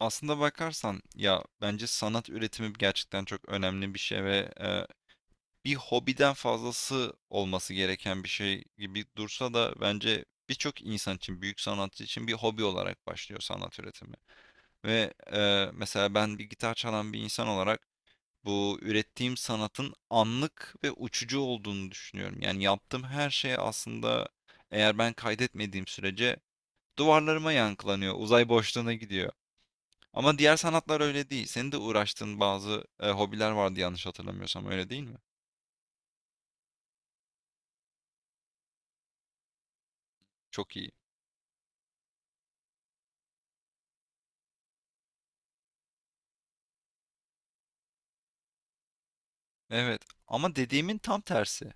Aslında bakarsan ya bence sanat üretimi gerçekten çok önemli bir şey ve bir hobiden fazlası olması gereken bir şey gibi dursa da bence birçok insan için, büyük sanatçı için bir hobi olarak başlıyor sanat üretimi. Ve mesela ben bir gitar çalan bir insan olarak bu ürettiğim sanatın anlık ve uçucu olduğunu düşünüyorum. Yani yaptığım her şey aslında eğer ben kaydetmediğim sürece duvarlarıma yankılanıyor, uzay boşluğuna gidiyor. Ama diğer sanatlar öyle değil. Senin de uğraştığın bazı hobiler vardı yanlış hatırlamıyorsam, öyle değil mi? Çok iyi. Evet, ama dediğimin tam tersi.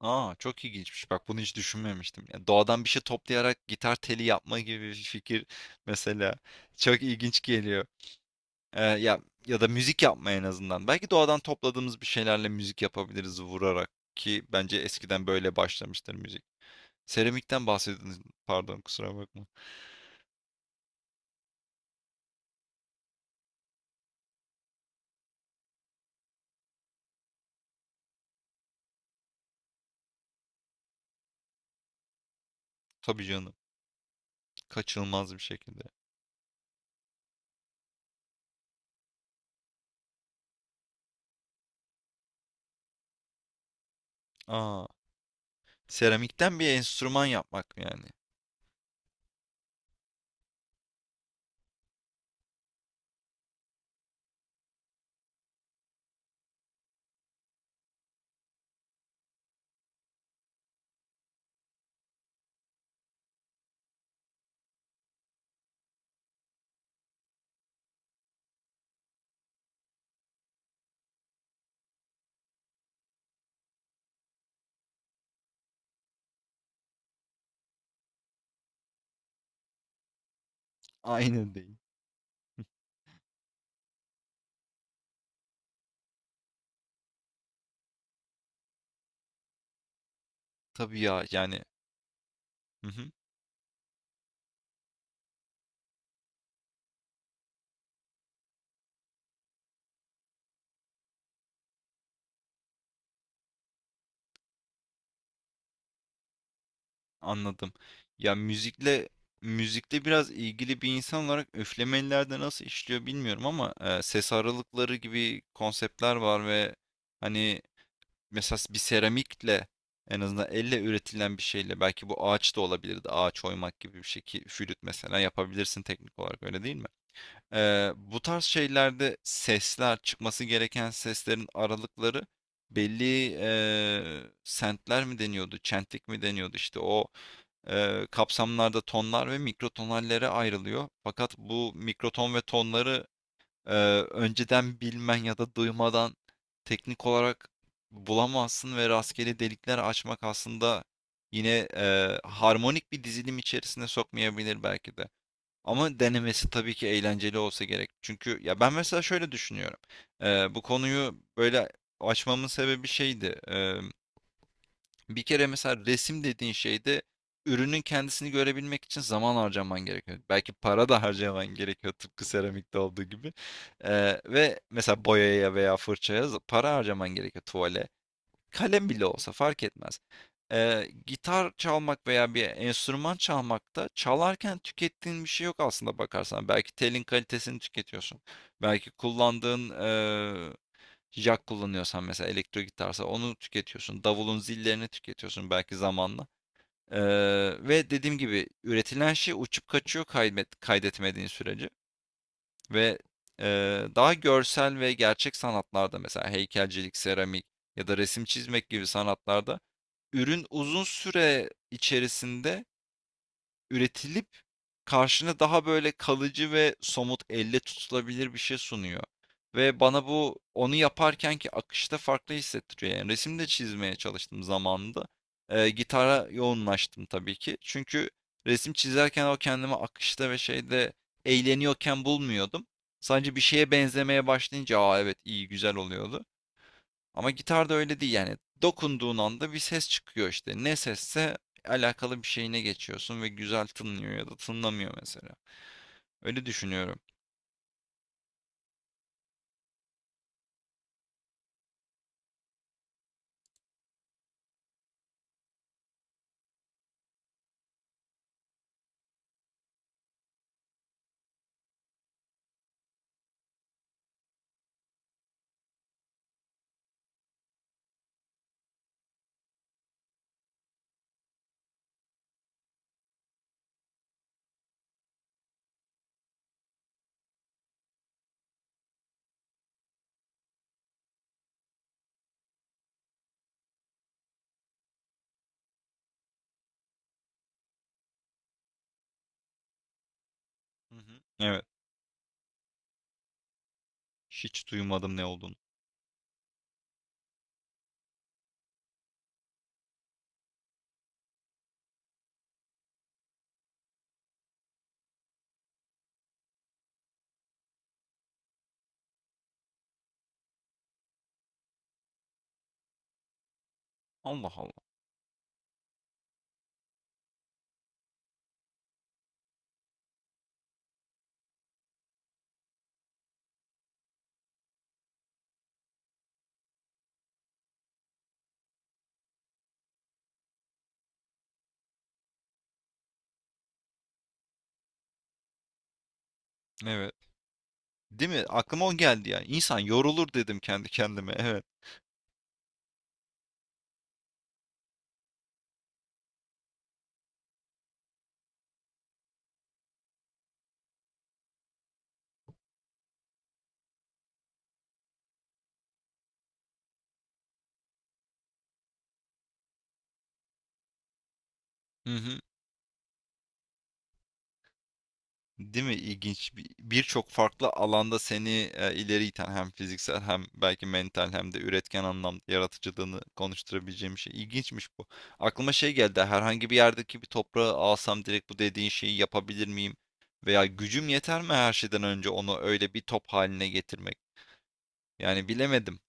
Aa, çok ilginçmiş. Bak bunu hiç düşünmemiştim. Ya, doğadan bir şey toplayarak gitar teli yapma gibi bir fikir mesela çok ilginç geliyor. Ya ya da müzik yapma en azından. Belki doğadan topladığımız bir şeylerle müzik yapabiliriz vurarak ki bence eskiden böyle başlamıştır müzik. Seramikten bahsediniz. Pardon, kusura bakma. Tabii canım. Kaçınılmaz bir şekilde. Aa. Seramikten bir enstrüman yapmak yani. Aynen değil. Tabii ya yani, hı hı, anladım. Ya müzikle biraz ilgili bir insan olarak üflemelilerde nasıl işliyor bilmiyorum ama e, ses aralıkları gibi konseptler var ve hani mesela bir seramikle en azından elle üretilen bir şeyle belki bu ağaç da olabilirdi. Ağaç oymak gibi bir şey ki flüt mesela yapabilirsin teknik olarak öyle değil mi? Bu tarz şeylerde sesler, çıkması gereken seslerin aralıkları belli, sentler mi deniyordu, çentlik mi deniyordu? İşte o kapsamlarda tonlar ve mikrotonallere ayrılıyor. Fakat bu mikroton ve tonları eee, önceden bilmen ya da duymadan teknik olarak bulamazsın ve rastgele delikler açmak aslında yine harmonik bir dizilim içerisine sokmayabilir belki de. Ama denemesi tabii ki eğlenceli olsa gerek. Çünkü ya ben mesela şöyle düşünüyorum. Bu konuyu böyle açmamın sebebi şeydi. Bir kere mesela resim dediğin şeyde ürünün kendisini görebilmek için zaman harcaman gerekiyor. Belki para da harcaman gerekiyor tıpkı seramikte olduğu gibi. Ve mesela boyaya veya fırçaya para harcaman gerekiyor. Tuvale kalem bile olsa fark etmez. Gitar çalmak veya bir enstrüman çalmakta çalarken tükettiğin bir şey yok aslında bakarsan. Belki telin kalitesini tüketiyorsun. Belki kullandığın jack kullanıyorsan mesela elektro gitarsa onu tüketiyorsun. Davulun zillerini tüketiyorsun belki zamanla. Ee, Ve dediğim gibi üretilen şey uçup kaçıyor kaydetmediğin sürece. Ve daha görsel ve gerçek sanatlarda mesela heykelcilik, seramik ya da resim çizmek gibi sanatlarda ürün uzun süre içerisinde üretilip karşına daha böyle kalıcı ve somut, elle tutulabilir bir şey sunuyor ve bana bu onu yaparkenki akışta farklı hissettiriyor. Yani resim de çizmeye çalıştım zamanında. Gitara yoğunlaştım tabii ki. Çünkü resim çizerken o kendimi akışta ve şeyde eğleniyorken bulmuyordum. Sadece bir şeye benzemeye başlayınca, "Aa evet iyi, güzel" oluyordu. Ama gitarda öyle değil yani. Dokunduğun anda bir ses çıkıyor işte. Ne sesse alakalı bir şeyine geçiyorsun ve güzel tınlıyor ya da tınlamıyor mesela. Öyle düşünüyorum. Hı hı. Evet. Hiç duymadım ne olduğunu. Allah Allah. Evet. Değil mi? Aklıma o geldi ya. İnsan yorulur dedim kendi kendime. Evet. Hı hı. Değil mi? İlginç. Birçok farklı alanda seni e, ileri iten hem fiziksel hem belki mental hem de üretken anlamda yaratıcılığını konuşturabileceğim bir şey. İlginçmiş bu. Aklıma şey geldi. Herhangi bir yerdeki bir toprağı alsam direkt bu dediğin şeyi yapabilir miyim? Veya gücüm yeter mi her şeyden önce onu öyle bir top haline getirmek? Yani bilemedim.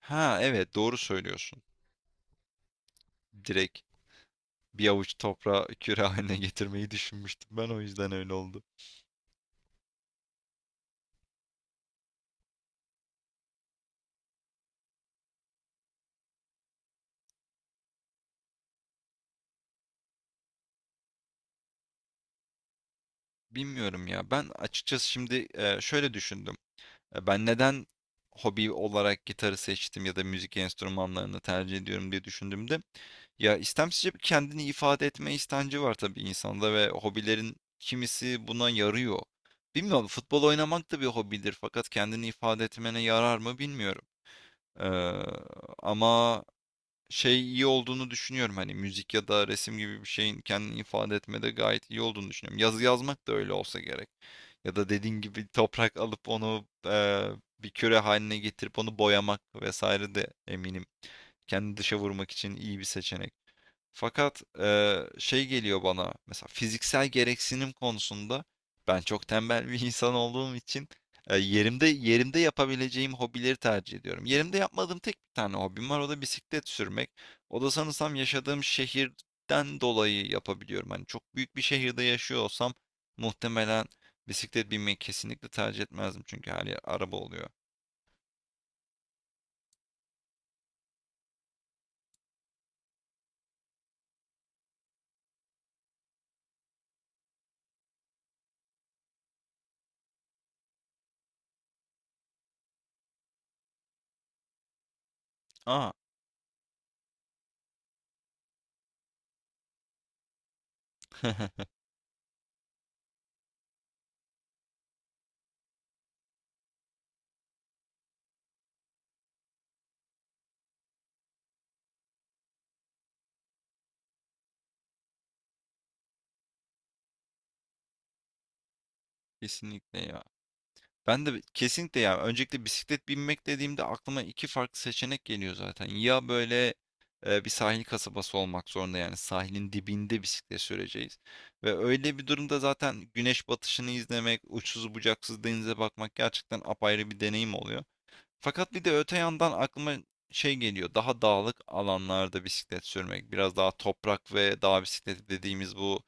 Ha evet doğru söylüyorsun. Direkt bir avuç toprağı küre haline getirmeyi düşünmüştüm. Ben o yüzden öyle oldu. Bilmiyorum ya. Ben açıkçası şimdi şöyle düşündüm. Ben neden hobi olarak gitarı seçtim ya da müzik enstrümanlarını tercih ediyorum diye düşündüğümde ya istemsizce bir kendini ifade etme istenci var tabii insanda ve hobilerin kimisi buna yarıyor. Bilmiyorum futbol oynamak da bir hobidir fakat kendini ifade etmene yarar mı bilmiyorum. Ee, Ama şey iyi olduğunu düşünüyorum. Hani müzik ya da resim gibi bir şeyin kendini ifade etmede gayet iyi olduğunu düşünüyorum. Yazı yazmak da öyle olsa gerek. Ya da dediğin gibi toprak alıp onu bir küre haline getirip onu boyamak vesaire de eminim. Kendi dışa vurmak için iyi bir seçenek. Fakat şey geliyor bana mesela fiziksel gereksinim konusunda ben çok tembel bir insan olduğum için yerimde yapabileceğim hobileri tercih ediyorum. Yerimde yapmadığım tek bir tane hobim var, o da bisiklet sürmek. O da sanırsam yaşadığım şehirden dolayı yapabiliyorum. Hani çok büyük bir şehirde yaşıyor olsam muhtemelen bisiklet binmeyi kesinlikle tercih etmezdim çünkü her yer araba oluyor. Aa, kesinlikle ya. Ben de kesinlikle ya, öncelikle bisiklet binmek dediğimde aklıma iki farklı seçenek geliyor zaten. Ya böyle e, bir sahil kasabası olmak zorunda yani sahilin dibinde bisiklet süreceğiz. Ve öyle bir durumda zaten güneş batışını izlemek, uçsuz bucaksız denize bakmak gerçekten apayrı bir deneyim oluyor. Fakat bir de öte yandan aklıma şey geliyor, daha dağlık alanlarda bisiklet sürmek. Biraz daha toprak ve dağ bisikleti dediğimiz bu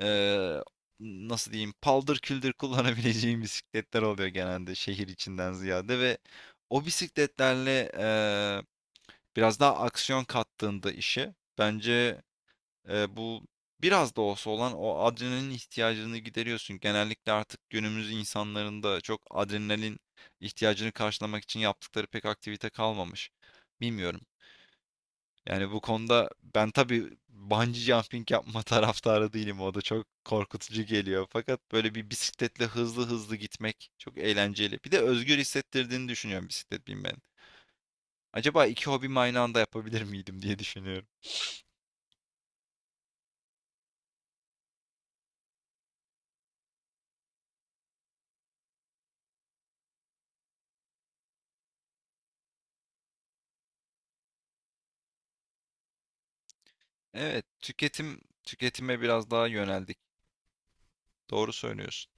eee, nasıl diyeyim paldır küldür kullanabileceğim bisikletler oluyor genelde şehir içinden ziyade ve o bisikletlerle biraz daha aksiyon kattığında işe bence bu biraz da olsa olan o adrenalin ihtiyacını gideriyorsun. Genellikle artık günümüz insanların da çok adrenalin ihtiyacını karşılamak için yaptıkları pek aktivite kalmamış. Bilmiyorum. Yani bu konuda ben tabii bungee jumping yapma taraftarı değilim. O da çok korkutucu geliyor. Fakat böyle bir bisikletle hızlı hızlı gitmek çok eğlenceli. Bir de özgür hissettirdiğini düşünüyorum bisiklet binmenin. Acaba iki hobimi aynı anda yapabilir miydim diye düşünüyorum. Evet, tüketime biraz daha yöneldik. Doğru söylüyorsun.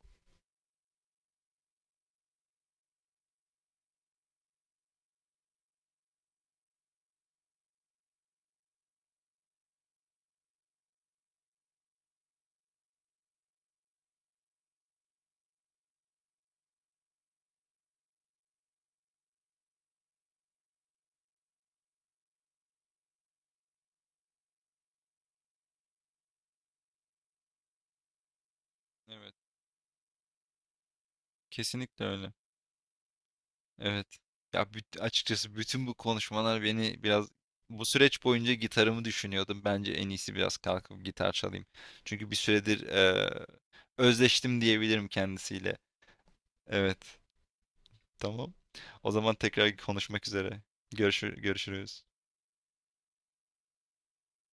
Evet, kesinlikle öyle. Evet. Ya açıkçası bütün bu konuşmalar beni biraz, bu süreç boyunca gitarımı düşünüyordum. Bence en iyisi biraz kalkıp gitar çalayım. Çünkü bir süredir özleştim diyebilirim kendisiyle. Evet. Tamam. O zaman tekrar konuşmak üzere. Görüşürüz.